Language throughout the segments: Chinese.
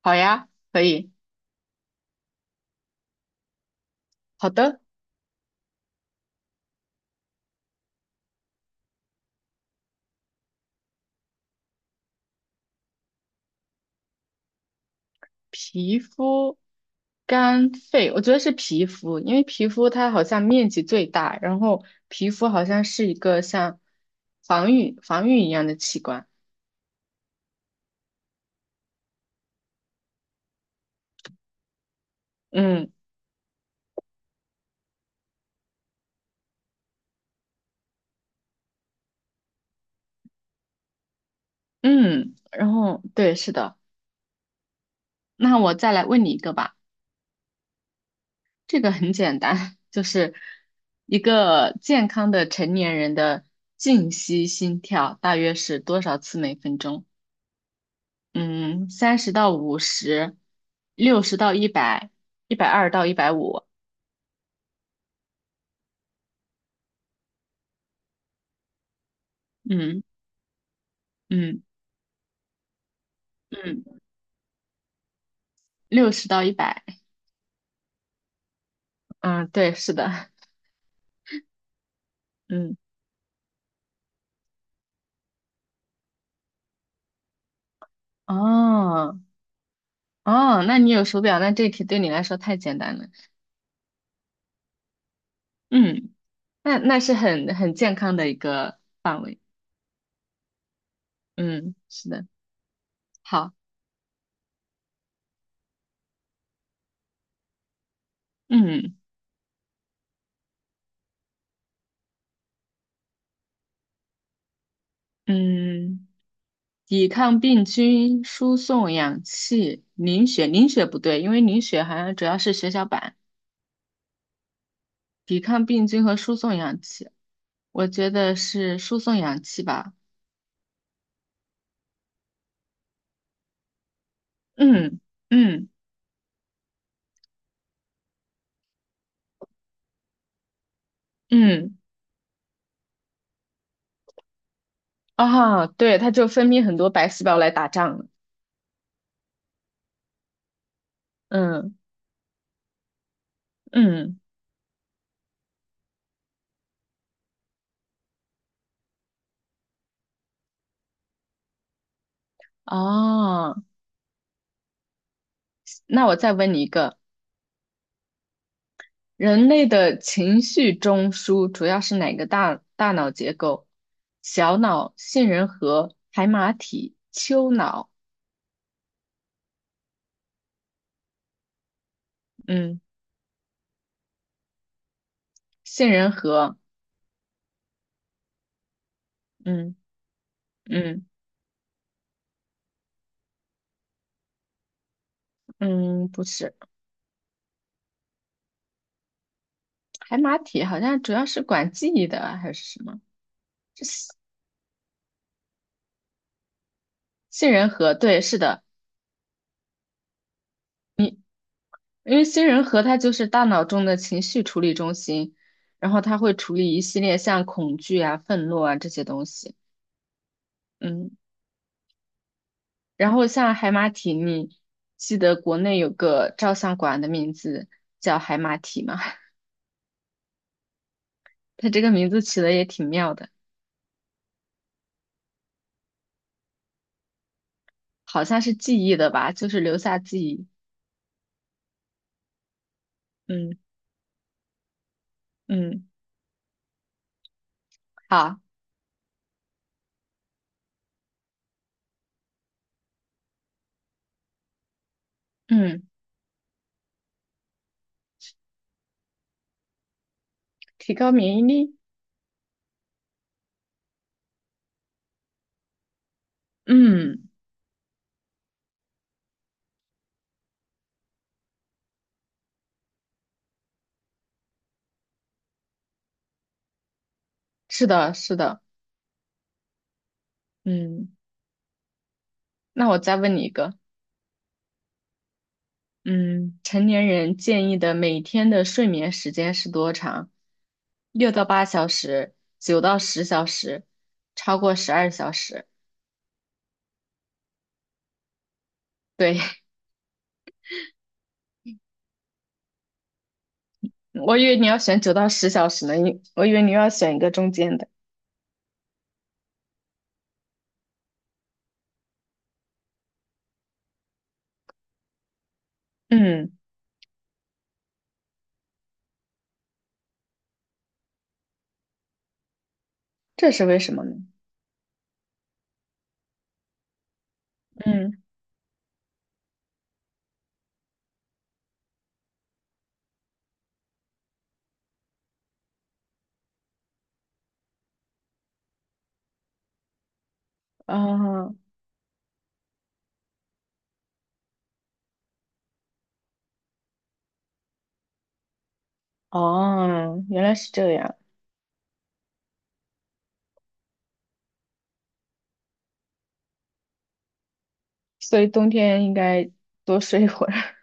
好呀，可以。好的，皮肤、肝、肺，我觉得是皮肤，因为皮肤它好像面积最大，然后皮肤好像是一个像防御一样的器官。嗯嗯，然后对，是的。那我再来问你一个吧，这个很简单，就是一个健康的成年人的静息心跳大约是多少次每分钟？嗯，30到50，六十到一百，120到150，嗯嗯嗯，六十到一百，嗯，对，是的，嗯，哦哦，那你有手表，那这题对你来说太简单了，嗯，那是很健康的一个范围，嗯，是的，好，嗯嗯，抵抗病菌，输送氧气，凝血，凝血不对，因为凝血好像主要是血小板。抵抗病菌和输送氧气。我觉得是输送氧气吧。嗯嗯嗯，啊，对，它就分泌很多白细胞来打仗了。嗯嗯，啊，那我再问你一个，人类的情绪中枢主要是哪个大脑结构？小脑、杏仁核、海马体、丘脑。嗯，杏仁核。嗯嗯嗯，不是，海马体好像主要是管记忆的还是什么？这杏杏仁核，对，是的。你因为杏人核它就是大脑中的情绪处理中心，然后它会处理一系列像恐惧啊、愤怒啊这些东西。嗯，然后像海马体，记得国内有个照相馆的名字叫海马体吗？它这个名字起的也挺妙的，好像是记忆的吧，就是留下记忆。嗯嗯，好，嗯，提高免疫力。嗯，是的，是的。嗯，那我再问你一个。嗯，成年人建议的每天的睡眠时间是多长？6到8小时，九到十小时，超过12小时。对，我以为你要选九到十小时呢，我以为你要选一个中间的。嗯，这是为什么呢？嗯，啊，哦，原来是这样，所以冬天应该多睡一会儿。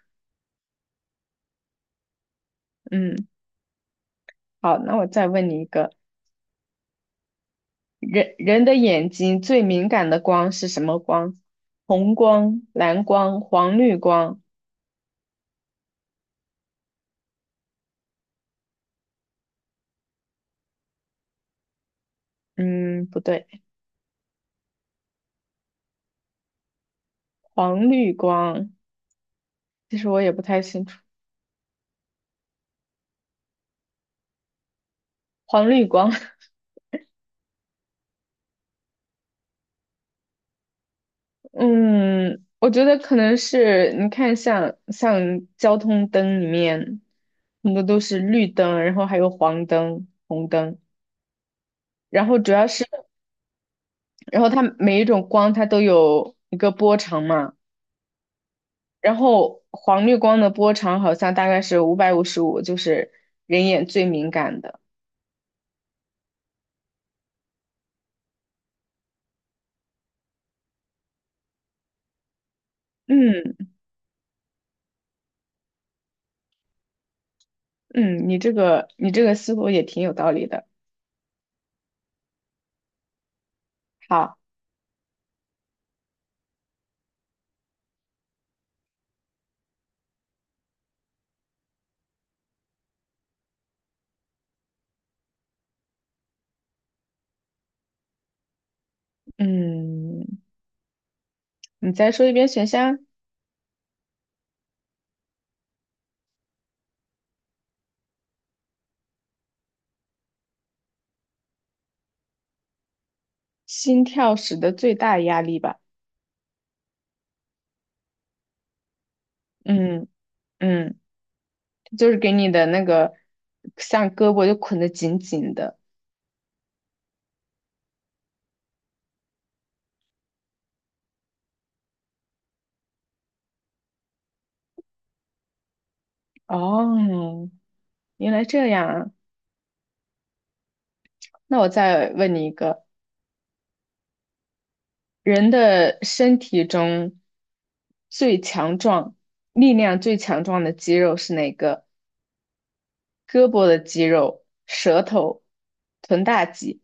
嗯，好，那我再问你一个，人的眼睛最敏感的光是什么光？红光、蓝光、黄绿光。嗯，不对，黄绿光，其实我也不太清楚。黄绿光，嗯，我觉得可能是你看像交通灯里面，很多都是绿灯，然后还有黄灯、红灯，然后主要是，然后它每一种光它都有一个波长嘛。然后黄绿光的波长好像大概是555，就是人眼最敏感的。嗯嗯，你这个思路也挺有道理的。好，嗯，你再说一遍选项，心跳时的最大压力吧。嗯嗯，就是给你的那个像胳膊就捆得紧紧的。哦，原来这样啊。那我再问你一个，人的身体中最强壮、力量最强壮的肌肉是哪个？胳膊的肌肉、舌头、臀大肌。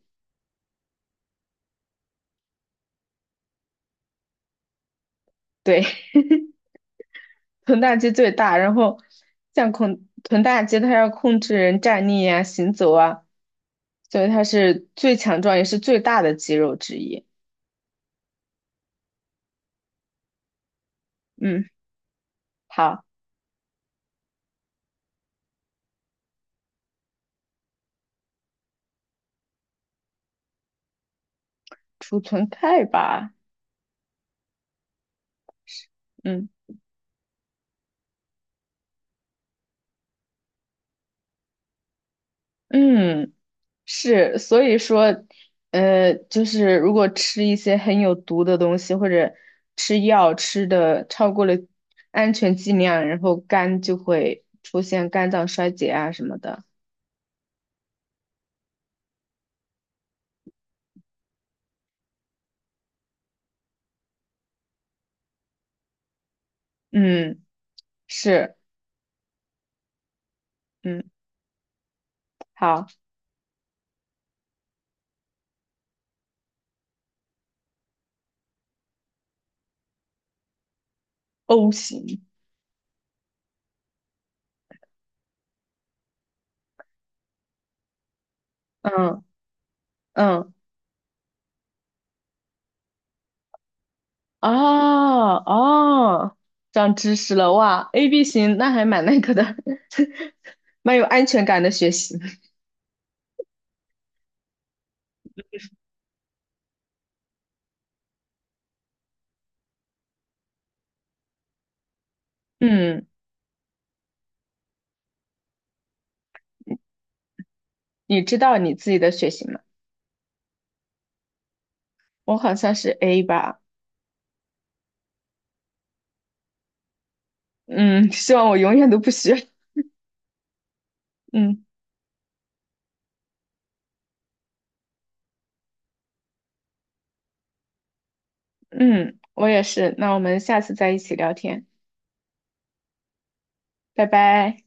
对，臀大肌最大。然后臀大肌，它要控制人站立啊、行走啊，所以它是最强壮也是最大的肌肉之一。嗯，好，储存钙吧。嗯嗯。是，所以说，就是如果吃一些很有毒的东西，或者吃药吃的超过了安全剂量，然后肝就会出现肝脏衰竭啊什么的。嗯，是，嗯，好，O 型，嗯嗯，哦哦，长知识了哇，AB 型那还蛮那个的，蛮有安全感的血型。嗯，你知道你自己的血型吗？我好像是 A 吧。嗯，希望我永远都不学。嗯嗯，我也是。那我们下次再一起聊天，拜拜。